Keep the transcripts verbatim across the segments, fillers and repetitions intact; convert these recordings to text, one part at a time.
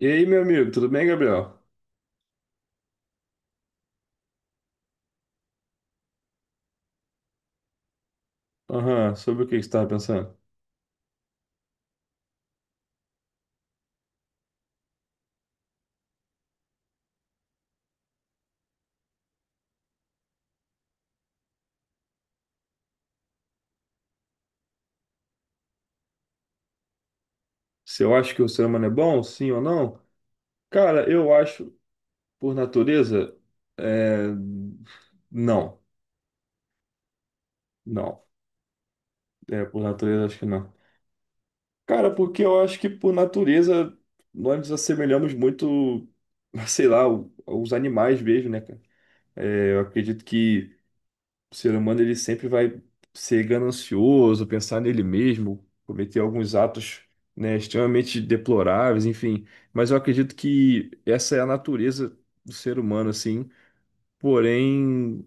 E aí, meu amigo, tudo bem, Gabriel? Aham, sobre o que que você estava pensando? Se eu acho que o ser humano é bom, sim ou não? Cara, eu acho, por natureza, é... não, não. É, por natureza, acho que não. Cara, porque eu acho que, por natureza, nós nos assemelhamos muito, sei lá, o- os animais mesmo, né, cara? É, Eu acredito que o ser humano ele sempre vai ser ganancioso, pensar nele mesmo, cometer alguns atos, né, extremamente deploráveis, enfim. Mas eu acredito que essa é a natureza do ser humano, assim. Porém,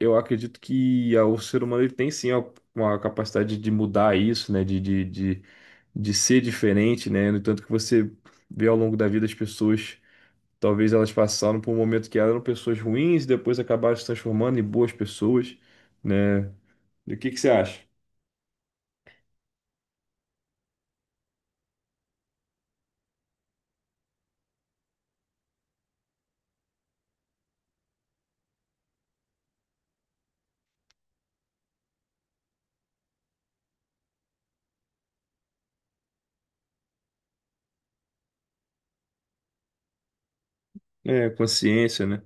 eu acredito que ah, o ser humano ele tem sim a- uma capacidade de mudar isso, né, de, de, de, de ser diferente, né. No entanto que você vê ao longo da vida as pessoas. Talvez elas passaram por um momento que eram pessoas ruins e depois acabaram se transformando em boas pessoas, né? E o que que você acha? É, consciência, né?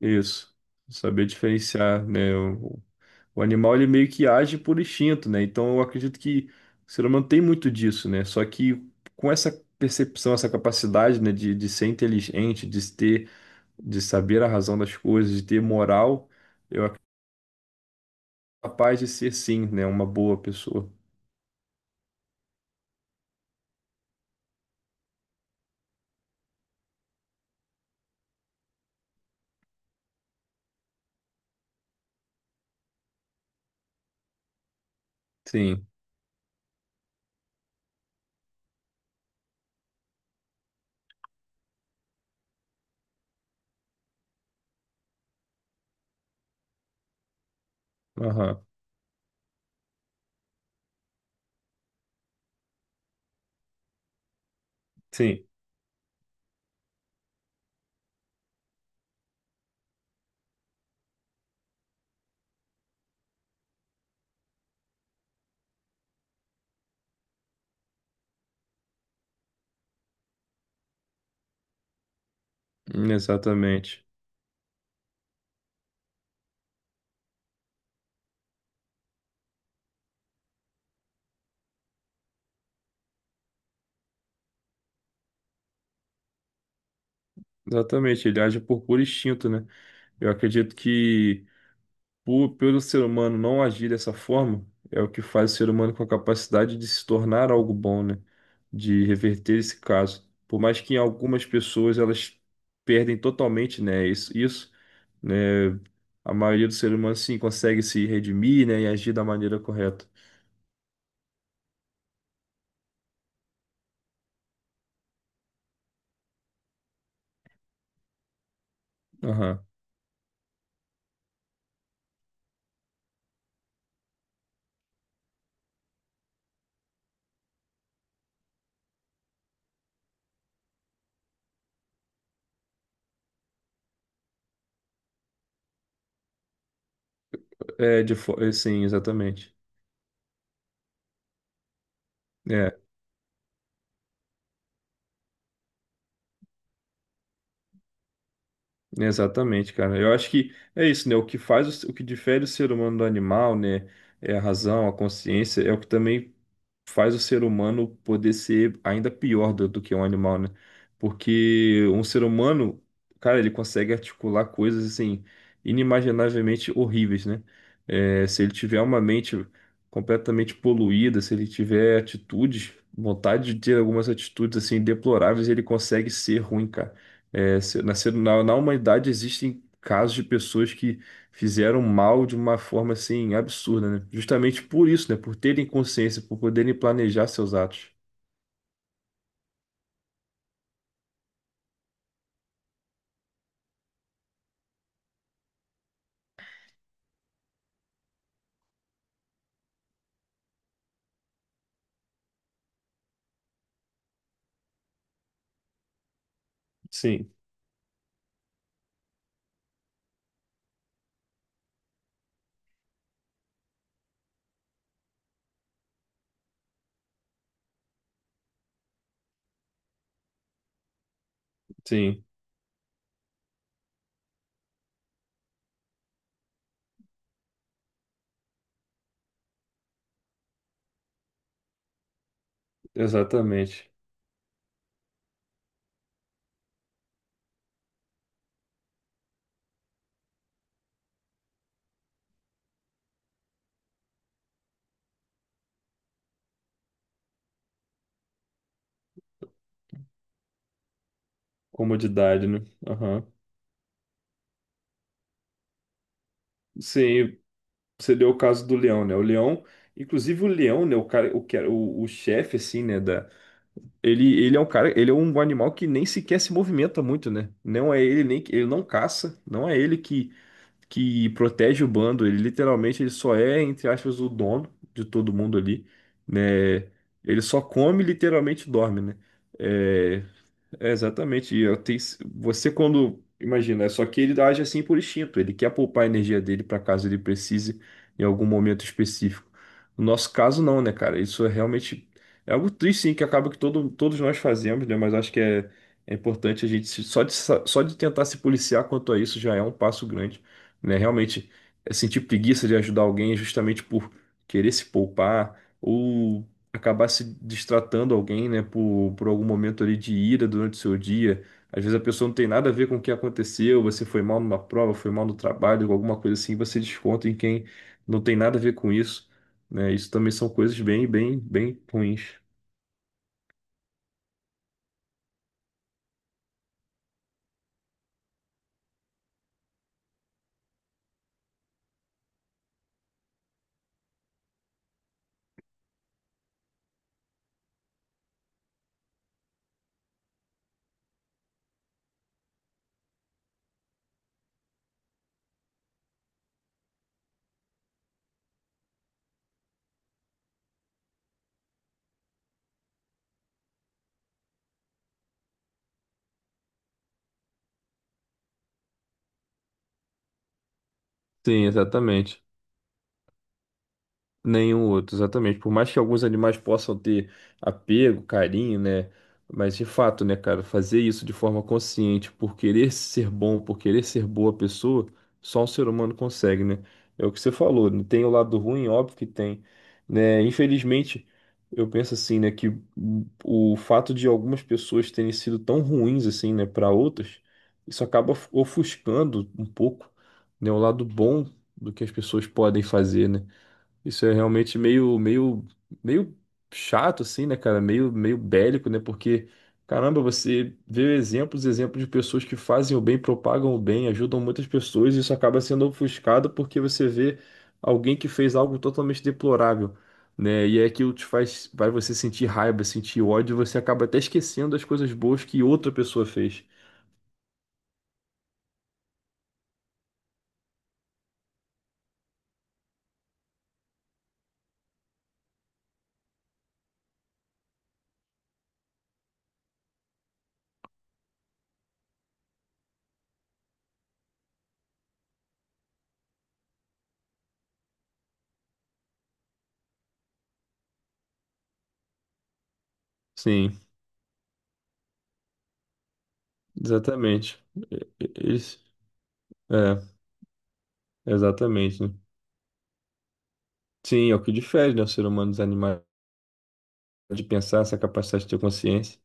Isso. Saber diferenciar, né? O, o animal, ele meio que age por instinto, né? Então, eu acredito que o ser humano tem muito disso, né? Só que com essa percepção, essa capacidade, né? De, de ser inteligente, de ter, de saber a razão das coisas, de ter moral, capaz de ser, sim, né? Uma boa pessoa. Sim. Aham. Sim. Exatamente. Exatamente. Ele age por puro instinto, né? Eu acredito que Por, pelo ser humano não agir dessa forma, é o que faz o ser humano com a capacidade de se tornar algo bom, né? De reverter esse caso. Por mais que em algumas pessoas elas perdem totalmente, né? Isso, isso, né? A maioria do ser humano sim consegue se redimir, né? E agir da maneira correta. Aham. É, de, fo- é, sim, exatamente. É, exatamente, cara. Eu acho que é isso, né? O que faz o, o que difere o ser humano do animal, né? É a razão, a consciência, é o que também faz o ser humano poder ser ainda pior do, do que um animal, né? Porque um ser humano, cara, ele consegue articular coisas assim inimaginavelmente horríveis, né? É, se ele tiver uma mente completamente poluída, se ele tiver atitudes, vontade de ter algumas atitudes assim deploráveis, ele consegue ser ruim, cara. É, se- na, ser- na na humanidade existem casos de pessoas que fizeram mal de uma forma assim absurda, né? Justamente por isso, né? Por terem consciência, por poderem planejar seus atos. Sim, sim, exatamente. Comodidade, né? Aham. Sim, você deu o caso do leão, né? O leão, inclusive o leão, né? O cara, o, que era- o, o chefe, assim, né? Da. Ele, ele é um cara, ele é um animal que nem sequer se movimenta muito, né? Não é ele nem que- ele não caça, não é ele que que protege o bando. Ele literalmente ele só é, entre aspas, o dono de todo mundo ali, né? Ele só come e literalmente dorme, né? É, é exatamente. E eu tenho- Você quando. Imagina, é só que ele age assim por instinto. Ele quer poupar a energia dele para caso ele precise em algum momento específico. No nosso caso, não, né, cara? Isso é realmente. É algo triste, sim, que acaba que todo, todos nós fazemos, né? Mas acho que é, é importante a gente. se- Só de, sa- só de tentar se policiar quanto a isso já é um passo grande, né? Realmente, é sentir preguiça de ajudar alguém justamente por querer se poupar. Ou acabar se distratando alguém, né, por, por algum momento ali de ira durante o seu dia. Às vezes a pessoa não tem nada a ver com o que aconteceu, você foi mal numa prova, foi mal no trabalho, alguma coisa assim, você desconta em quem não tem nada a ver com isso, né? Isso também são coisas bem, bem, bem ruins. Sim, exatamente. Nenhum outro, exatamente. Por mais que alguns animais possam ter apego, carinho, né? Mas de fato, né, cara, fazer isso de forma consciente, por querer ser bom, por querer ser boa pessoa, só um ser humano consegue, né? É o que você falou, né? Tem o lado ruim, óbvio que tem, né? Infelizmente, eu penso assim, né, que o fato de algumas pessoas terem sido tão ruins assim, né, para outras, isso acaba ofuscando um pouco, né, o lado bom do que as pessoas podem fazer, né? Isso é realmente meio, meio, meio chato, assim, né, cara? Meio, meio bélico, né? Porque, caramba, você vê exemplos, exemplos de pessoas que fazem o bem, propagam o bem, ajudam muitas pessoas, e isso acaba sendo ofuscado porque você vê alguém que fez algo totalmente deplorável, né? E é aquilo que te faz, vai você sentir raiva, sentir ódio, e você acaba até esquecendo as coisas boas que outra pessoa fez. Sim, exatamente. E- e- Eles, é, exatamente, né? Sim, é o que difere, né, o ser humano dos animais. De pensar, essa capacidade de ter consciência.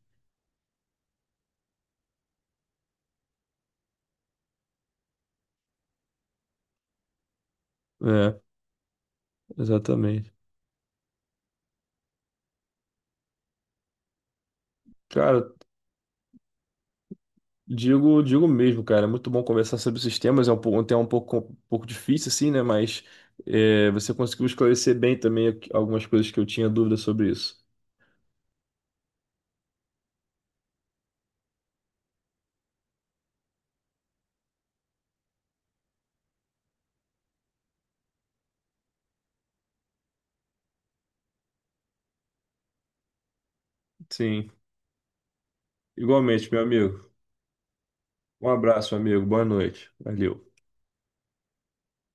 É, exatamente. Cara, digo, digo mesmo, cara, é muito bom conversar sobre sistemas, é um, pou- um tema um pouco, um pouco difícil, assim, né? Mas é, você conseguiu esclarecer bem também aqu- algumas coisas que eu tinha dúvida sobre isso. Sim, igualmente, meu amigo. Um abraço, amigo. Boa noite. Valeu.